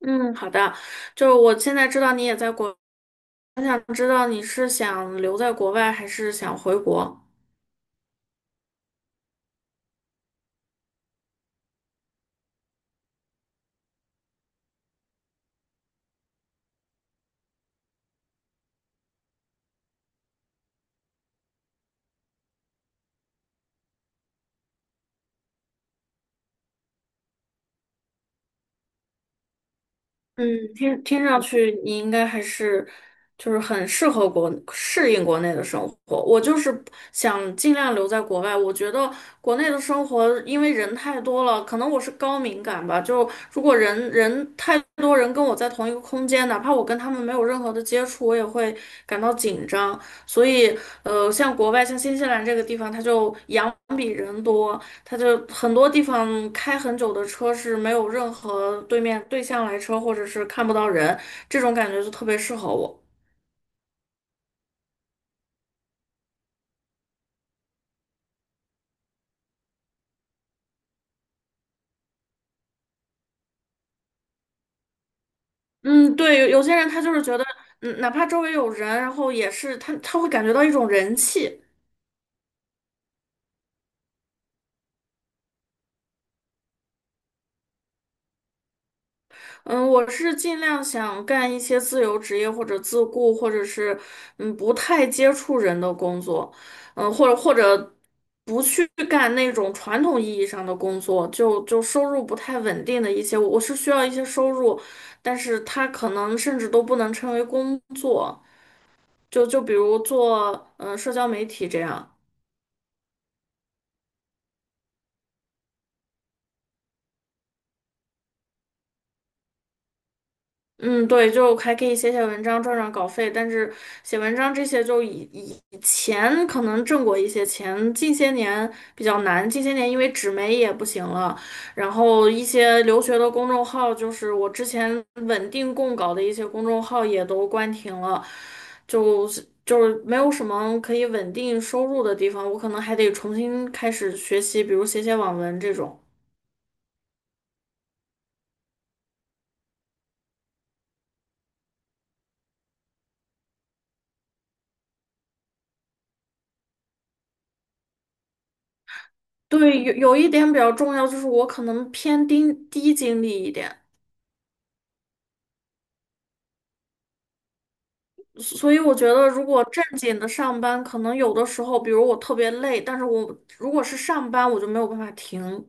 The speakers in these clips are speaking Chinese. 嗯，好的，就是我现在知道你也在国，我想知道你是想留在国外还是想回国？嗯，听上去你应该还是就是很适应国内的生活。我就是想尽量留在国外。我觉得国内的生活因为人太多了，可能我是高敏感吧。就如果人太多人跟我在同一个空间，哪怕我跟他们没有任何的接触，我也会感到紧张。所以，像国外像新西兰这个地方，它就羊比人多，他就很多地方开很久的车是没有任何对向来车，或者是看不到人，这种感觉就特别适合我。嗯，对，有些人他就是觉得，哪怕周围有人，然后也是他会感觉到一种人气。嗯，我是尽量想干一些自由职业或者自雇，或者是不太接触人的工作，或者不去干那种传统意义上的工作，就收入不太稳定的一些，我是需要一些收入，但是它可能甚至都不能称为工作，就比如做社交媒体这样。嗯，对，就还可以写写文章赚赚稿费，但是写文章这些就以前可能挣过一些钱，近些年比较难，近些年因为纸媒也不行了，然后一些留学的公众号，就是我之前稳定供稿的一些公众号也都关停了，就是没有什么可以稳定收入的地方，我可能还得重新开始学习，比如写写网文这种。对，有一点比较重要，就是我可能偏低精力一点。所以我觉得，如果正经的上班，可能有的时候，比如我特别累，但是我如果是上班，我就没有办法停。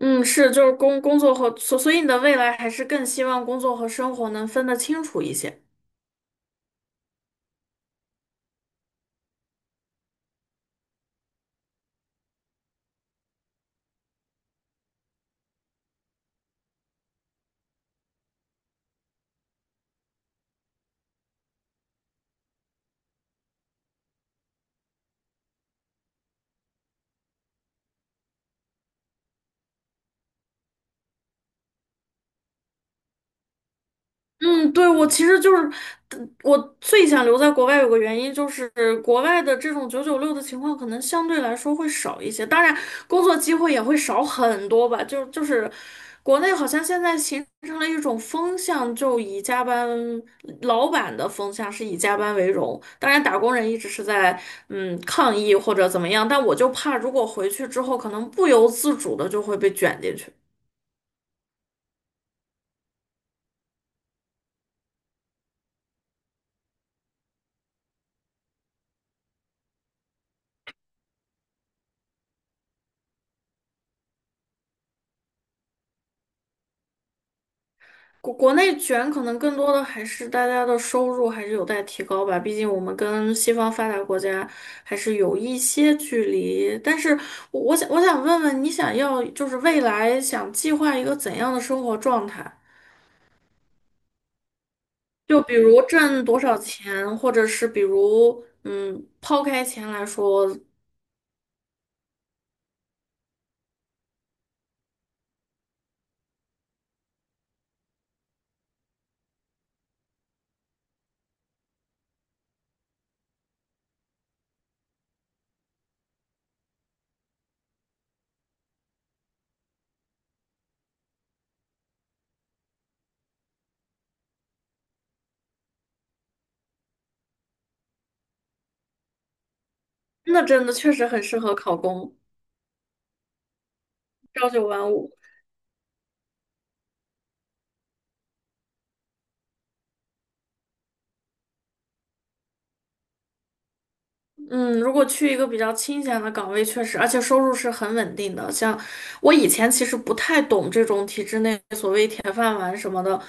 嗯，是，就是工工作和所，所以你的未来还是更希望工作和生活能分得清楚一些。嗯，对，我其实就是，我最想留在国外有个原因就是，国外的这种996的情况可能相对来说会少一些，当然工作机会也会少很多吧。就是国内好像现在形成了一种风向，就以加班，老板的风向是以加班为荣，当然打工人一直是在抗议或者怎么样，但我就怕如果回去之后，可能不由自主的就会被卷进去。国内卷可能更多的还是大家的收入还是有待提高吧，毕竟我们跟西方发达国家还是有一些距离。但是我想问问你，想要就是未来想计划一个怎样的生活状态？就比如挣多少钱，或者是比如抛开钱来说，那真的确实很适合考公，朝九晚五。嗯，如果去一个比较清闲的岗位，确实，而且收入是很稳定的。像我以前其实不太懂这种体制内所谓铁饭碗什么的，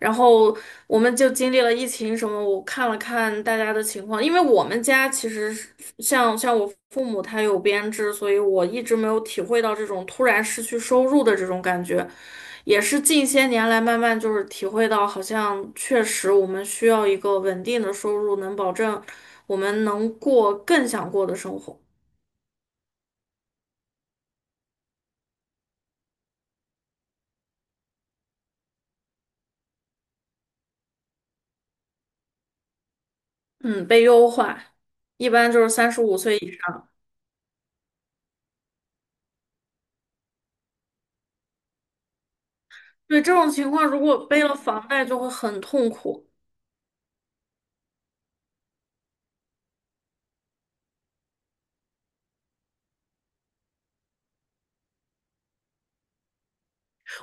然后我们就经历了疫情什么，我看了看大家的情况，因为我们家其实是像我父母他有编制，所以我一直没有体会到这种突然失去收入的这种感觉，也是近些年来慢慢就是体会到，好像确实我们需要一个稳定的收入，能保证。我们能过更想过的生活，嗯，被优化，一般就是35岁以上。对这种情况，如果背了房贷，就会很痛苦。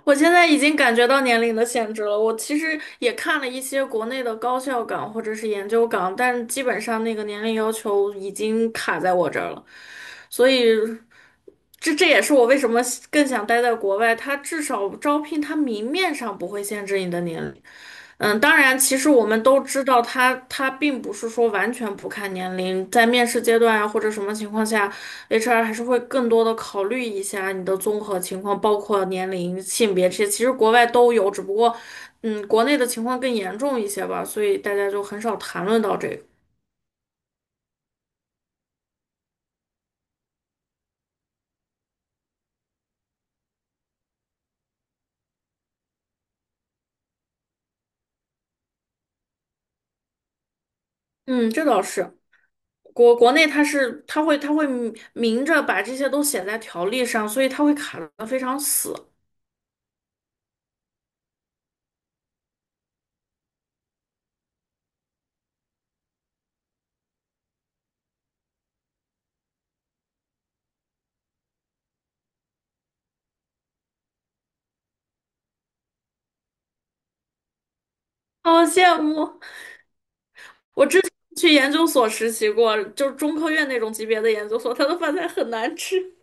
我现在已经感觉到年龄的限制了。我其实也看了一些国内的高校岗或者是研究岗，但基本上那个年龄要求已经卡在我这儿了，所以。这也是我为什么更想待在国外，它至少招聘它明面上不会限制你的年龄。当然，其实我们都知道它并不是说完全不看年龄，在面试阶段啊或者什么情况下，HR 还是会更多的考虑一下你的综合情况，包括年龄、性别这些，其实国外都有，只不过国内的情况更严重一些吧，所以大家就很少谈论到这个。嗯，这倒是。国内它会明明着把这些都写在条例上，所以它会卡的非常死。好羡慕，去研究所实习过，就是中科院那种级别的研究所，他的饭菜很难吃。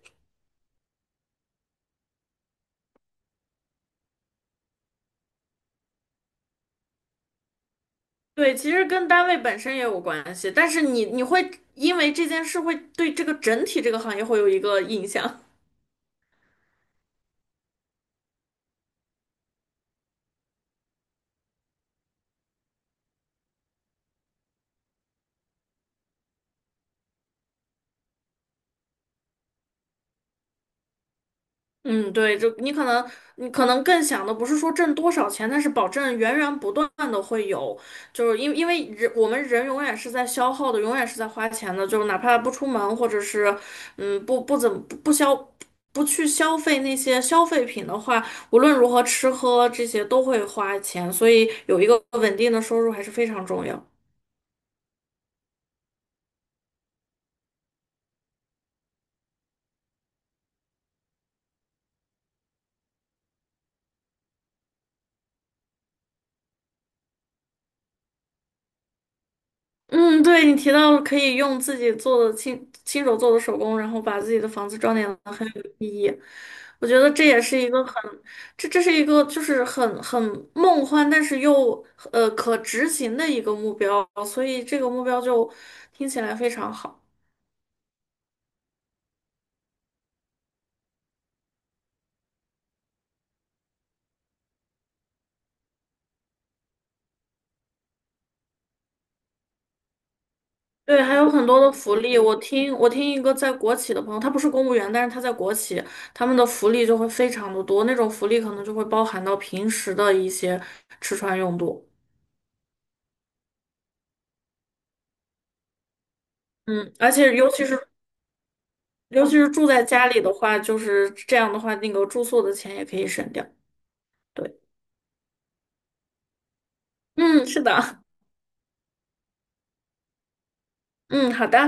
对，其实跟单位本身也有关系，但是你会因为这件事会对这个整体这个行业会有一个印象。嗯，对，就你可能更想的不是说挣多少钱，但是保证源源不断的会有，就是因为我们人永远是在消耗的，永远是在花钱的，就是哪怕不出门，或者是嗯不不怎么不不消不去消费那些消费品的话，无论如何吃喝这些都会花钱，所以有一个稳定的收入还是非常重要。嗯，对，你提到了可以用自己做的亲手做的手工，然后把自己的房子装点的很有意义。我觉得这也是一个很，这是一个就是很梦幻，但是又可执行的一个目标，所以这个目标就听起来非常好。对，还有很多的福利。我听一个在国企的朋友，他不是公务员，但是他在国企，他们的福利就会非常的多，那种福利可能就会包含到平时的一些吃穿用度。嗯，而且尤其是住在家里的话，就是这样的话，那个住宿的钱也可以省掉。对，嗯，是的，嗯，好的。